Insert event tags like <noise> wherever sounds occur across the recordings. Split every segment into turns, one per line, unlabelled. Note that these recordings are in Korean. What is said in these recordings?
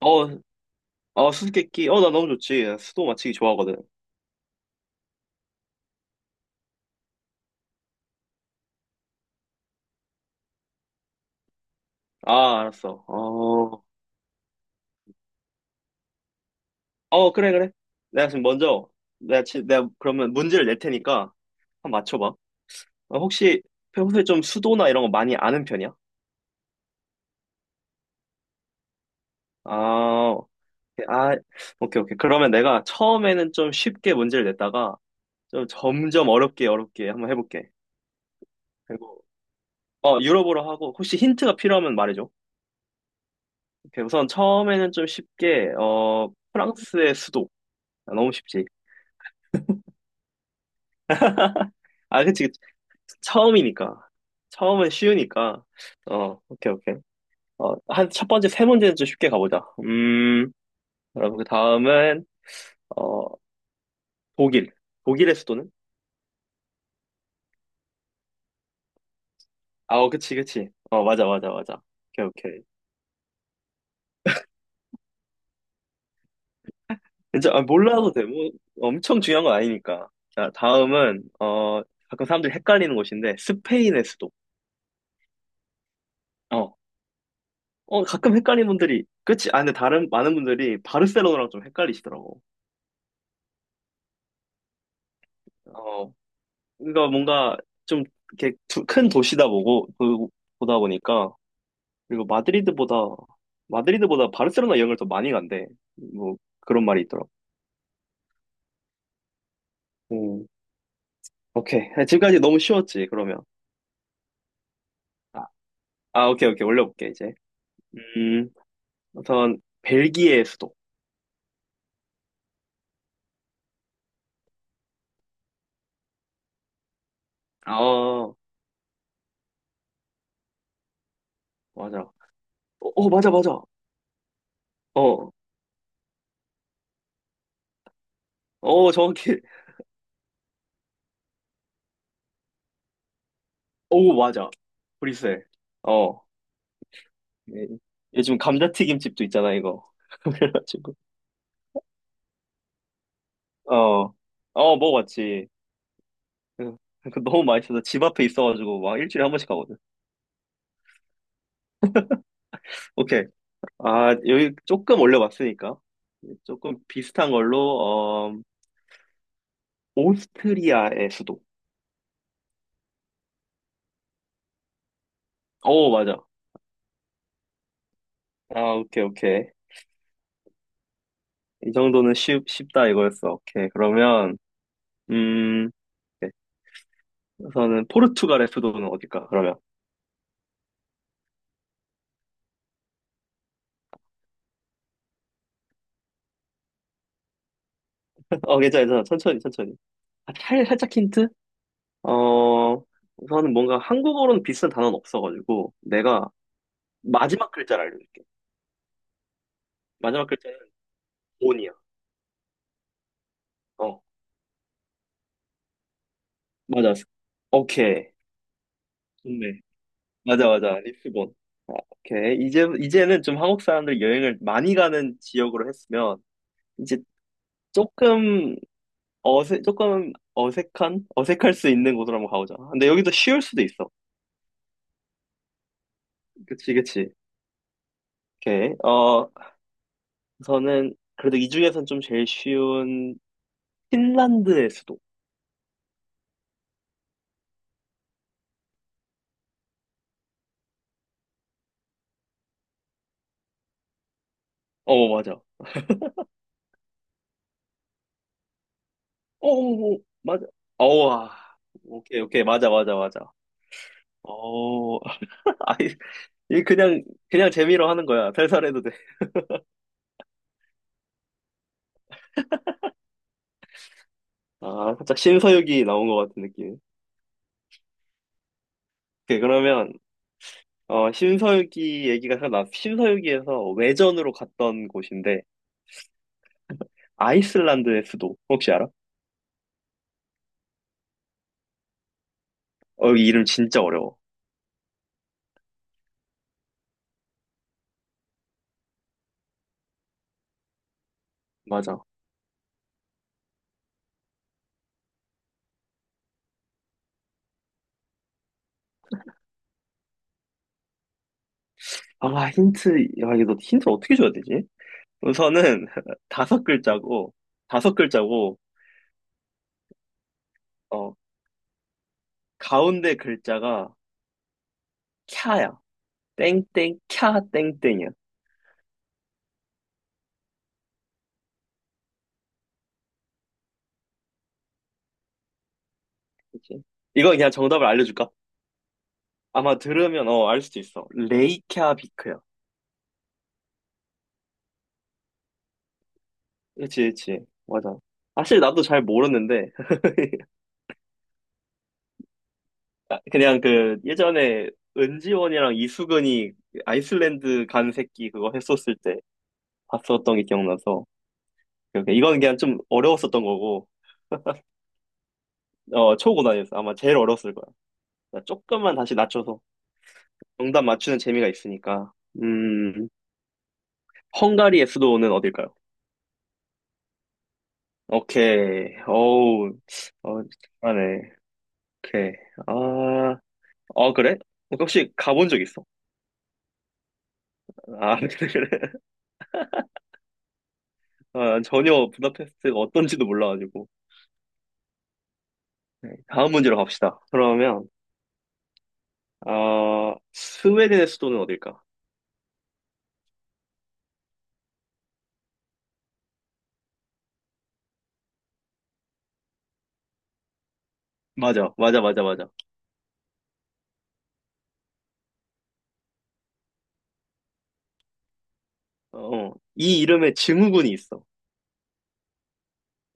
어, 수수께끼. 나 너무 좋지. 나 수도 맞히기 좋아하거든. 아, 알았어. 그래, 그래. 내가 지금 먼저, 내가, 지, 내가 그러면 문제를 낼 테니까 한번 맞춰봐. 혹시 평소에 좀 수도나 이런 거 많이 아는 편이야? 아, 아, 오케이, 오케이. 그러면 내가 처음에는 좀 쉽게 문제를 냈다가 좀 점점 어렵게, 어렵게 한번 해볼게. 그리고, 유럽어로 하고, 혹시 힌트가 필요하면 말해줘. 오케이, 우선 처음에는 좀 쉽게, 프랑스의 수도. 아, 너무 쉽지. 아, 그치, 처음이니까. 처음은 쉬우니까. 오케이, 오케이. 어, 한, 첫 번째, 세 문제는 좀 쉽게 가보자. 그 다음은, 어, 독일. 독일의 수도는? 아, 어, 그치, 그치. 어, 맞아, 맞아, 맞아. 오케이, 오케이. 이제, 아, 몰라도 돼. 뭐, 엄청 중요한 건 아니니까. 자, 다음은, 가끔 사람들이 헷갈리는 곳인데, 스페인의 수도. 어, 가끔 헷갈리는 분들이, 그치? 아, 근데 다른, 많은 분들이 바르셀로나랑 좀 헷갈리시더라고. 어, 그러니까 뭔가 좀 이렇게 큰 도시다 보고 보- 보다 보니까. 그리고 마드리드보다 바르셀로나 여행을 더 많이 간대. 뭐 그런 말이 있더라고. 음, 오케이. 지금까지 너무 쉬웠지, 그러면. 아, 오케이, 오케이. 올려볼게, 이제. 음, 우선, 벨기에 수도. 아, 맞아. 어, 어, 맞아, 맞아. 어, 정확히. 오, 맞아. 브뤼셀. 어. 예, 요즘 감자튀김집도 있잖아, 이거. <laughs> 그래가지고. 어. 어, 먹어봤지. 응. <laughs> 너무 많이 어서집 앞에 있어가지고 막 일주일에 한 번씩 가거든. 오케이. 아, 여기 조금 올려봤으니까. 조금 비슷한 걸로, 어, 오스트리아의 수도. 오, 맞아. 아, 오케이, 오케이. 이 정도는 쉽다 이거였어. 오케이. 그러면, 음, 네. 우선은 포르투갈의 수도는 어딜까, 그러면? <laughs> 어, 괜찮아, 괜찮아. 천천히, 천천히. 아, 살짝 힌트? 어, 우선은 뭔가 한국어로는 비슷한 단어는 없어가지고, 내가 마지막 글자를 알려줄게. 마지막 글자는 돈이야. 맞아. 오케이. 좋네. 맞아, 맞아. 리스본. 아, 오케이. 이제, 이제는 좀 한국 사람들이 여행을 많이 가는 지역으로 했으면, 이제 조금 조금 어색한? 어색할 수 있는 곳으로 한번 가보자. 근데 여기도 쉬울 수도 있어. 그치, 그치. 오케이. 어, 우선은, 그래도 이 중에서는 좀 제일 쉬운, 핀란드의 수도. 어, 맞아. 어, 어, 어, 맞아. 어, 와. 오케이, 오케이. 맞아, 맞아, 맞아. 어, <laughs> 아이, 이 그냥 그냥 재미로 하는 거야. 살살해도 돼. 아, 살짝 신서유기 나온 것 같은 느낌. 오케이, 그러면 어 신서유기 얘기가 생각나. 신서유기에서 외전으로 갔던 곳인데 아이슬란드의 수도 혹시 알아? 어, 이 이름 진짜 어려워. 맞아. 아, 힌트, 야, 이거 힌트 어떻게 줘야 되지? 우선은 <laughs> 다섯 글자고 다섯 글자고. 어, 가운데 글자가 캬야. 땡땡 캬 땡땡이야. 그치? 이거 그냥 정답을 알려줄까? 아마 들으면 어, 알 수도 있어. 레이캬비크야. 그치, 그치. 맞아. 사실 나도 잘 모르는데 <laughs> 그냥 그 예전에 은지원이랑 이수근이 아이슬란드 간 새끼 그거 했었을 때 봤었던 게 기억나서 이렇게 이건 그냥 좀 어려웠었던 거고. 어, 초고난이었어. 아마 제일 어려웠을 거야. 나 조금만 다시 낮춰서 정답 맞추는 재미가 있으니까. 음, 헝가리의 수도는 어딜까요? 오케이 어우. 어, 잘하네. 오케이. 아... 어, 그래? 어, 혹시 가본 적 있어? 아, <laughs> 그래, 그래. 아, 전혀 부다페스트가 어떤지도 몰라가지고. 네, 다음 문제로 갑시다. 그러면, 아, 스웨덴의 수도는 어딜까? 맞아. 어, 이 이름에 증후군이 있어.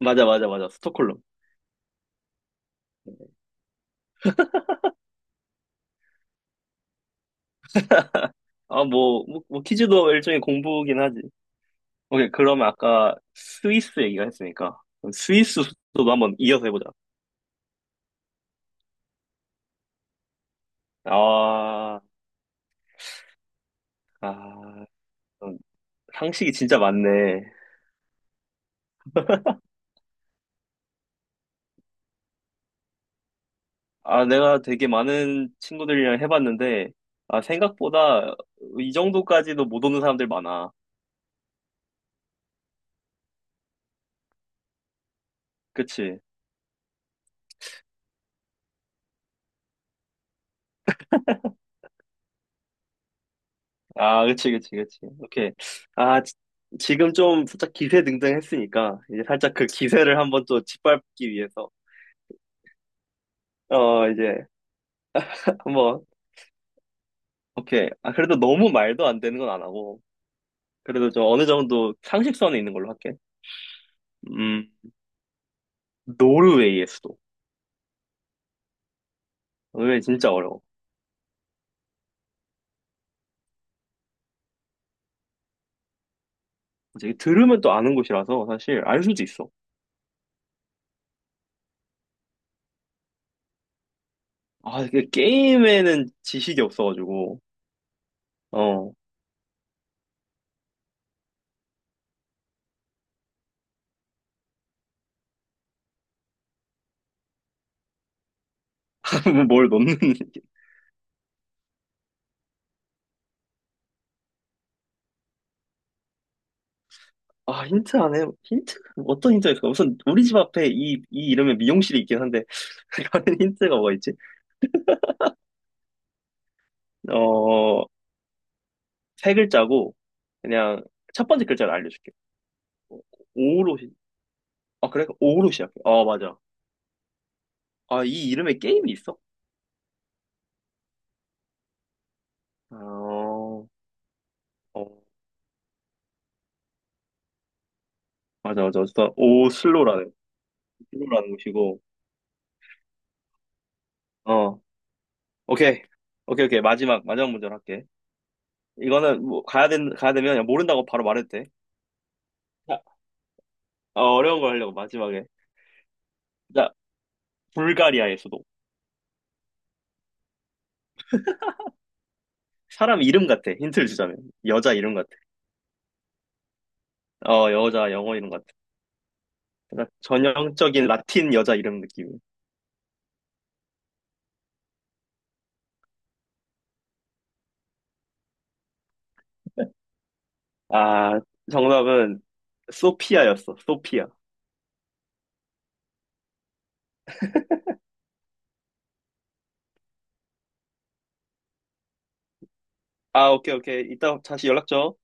맞아, 맞아, 맞아. 스톡홀름. 아, 뭐 퀴즈도 일종의 공부긴 하지. 오케이, 그러면 아까 스위스 얘기가 했으니까. 그럼 스위스 수도도 한번 이어서 해보자. 아, 아, 음, 상식이 진짜 많네. 아, 내가 되게 많은 친구들이랑 해봤는데, 아, 생각보다 이 정도까지도 못 오는 사람들 많아. 그치? 아, 그치, 그치, 그치. 오케이. 아, 지금 좀 살짝 기세등등 했으니까, 이제 살짝 그 기세를 한번 또 짓밟기 위해서, 어, 이제 한번, 오케이. 아, 그래도 너무 말도 안 되는 건 안 하고, 그래도 좀 어느 정도 상식선에 있는 걸로 할게. 음, 노르웨이의 수도. 노르웨이 진짜 어려워. 이제 들으면 또 아는 곳이라서 사실 알 수도 있어. 아, 이게 게임에는 지식이 없어가지고, 어, <laughs> 뭘 넣는, <laughs> 아, 힌트 안 해. 힌트? 어떤 힌트가 있을까? 우선, 우리 집 앞에 이 이름의 미용실이 있긴 한데, <laughs> 가는 힌트가 뭐가 있지? 어, 세 글자고, 그냥, 첫 번째 글자를 알려줄게. 어, 오로, 시- 아, 그래? 오로 시작해. 어, 맞아. 아, 이 이름에 게임이 있어? 어, 어, 맞아, 맞아. 어쨌든, 오, 슬로라는, 슬로라는 곳이고, 어, 오케이. 오케이, 오케이. 마지막, 마지막 문제로 할게. 이거는 뭐 가야 된 가야 되면 그냥 모른다고 바로 말해도 돼. 자, 어, 어려운 거 하려고 마지막에. 자, 불가리아의 수도. 사람 이름 같아. 힌트를 주자면 여자 이름 같아. 어, 여자 영어 이름 같아. 그러니까 전형적인 라틴 여자 이름 느낌. 아, 정답은 소피아였어. 소피아. 아, 오케이 오케이. 이따 다시 연락 줘.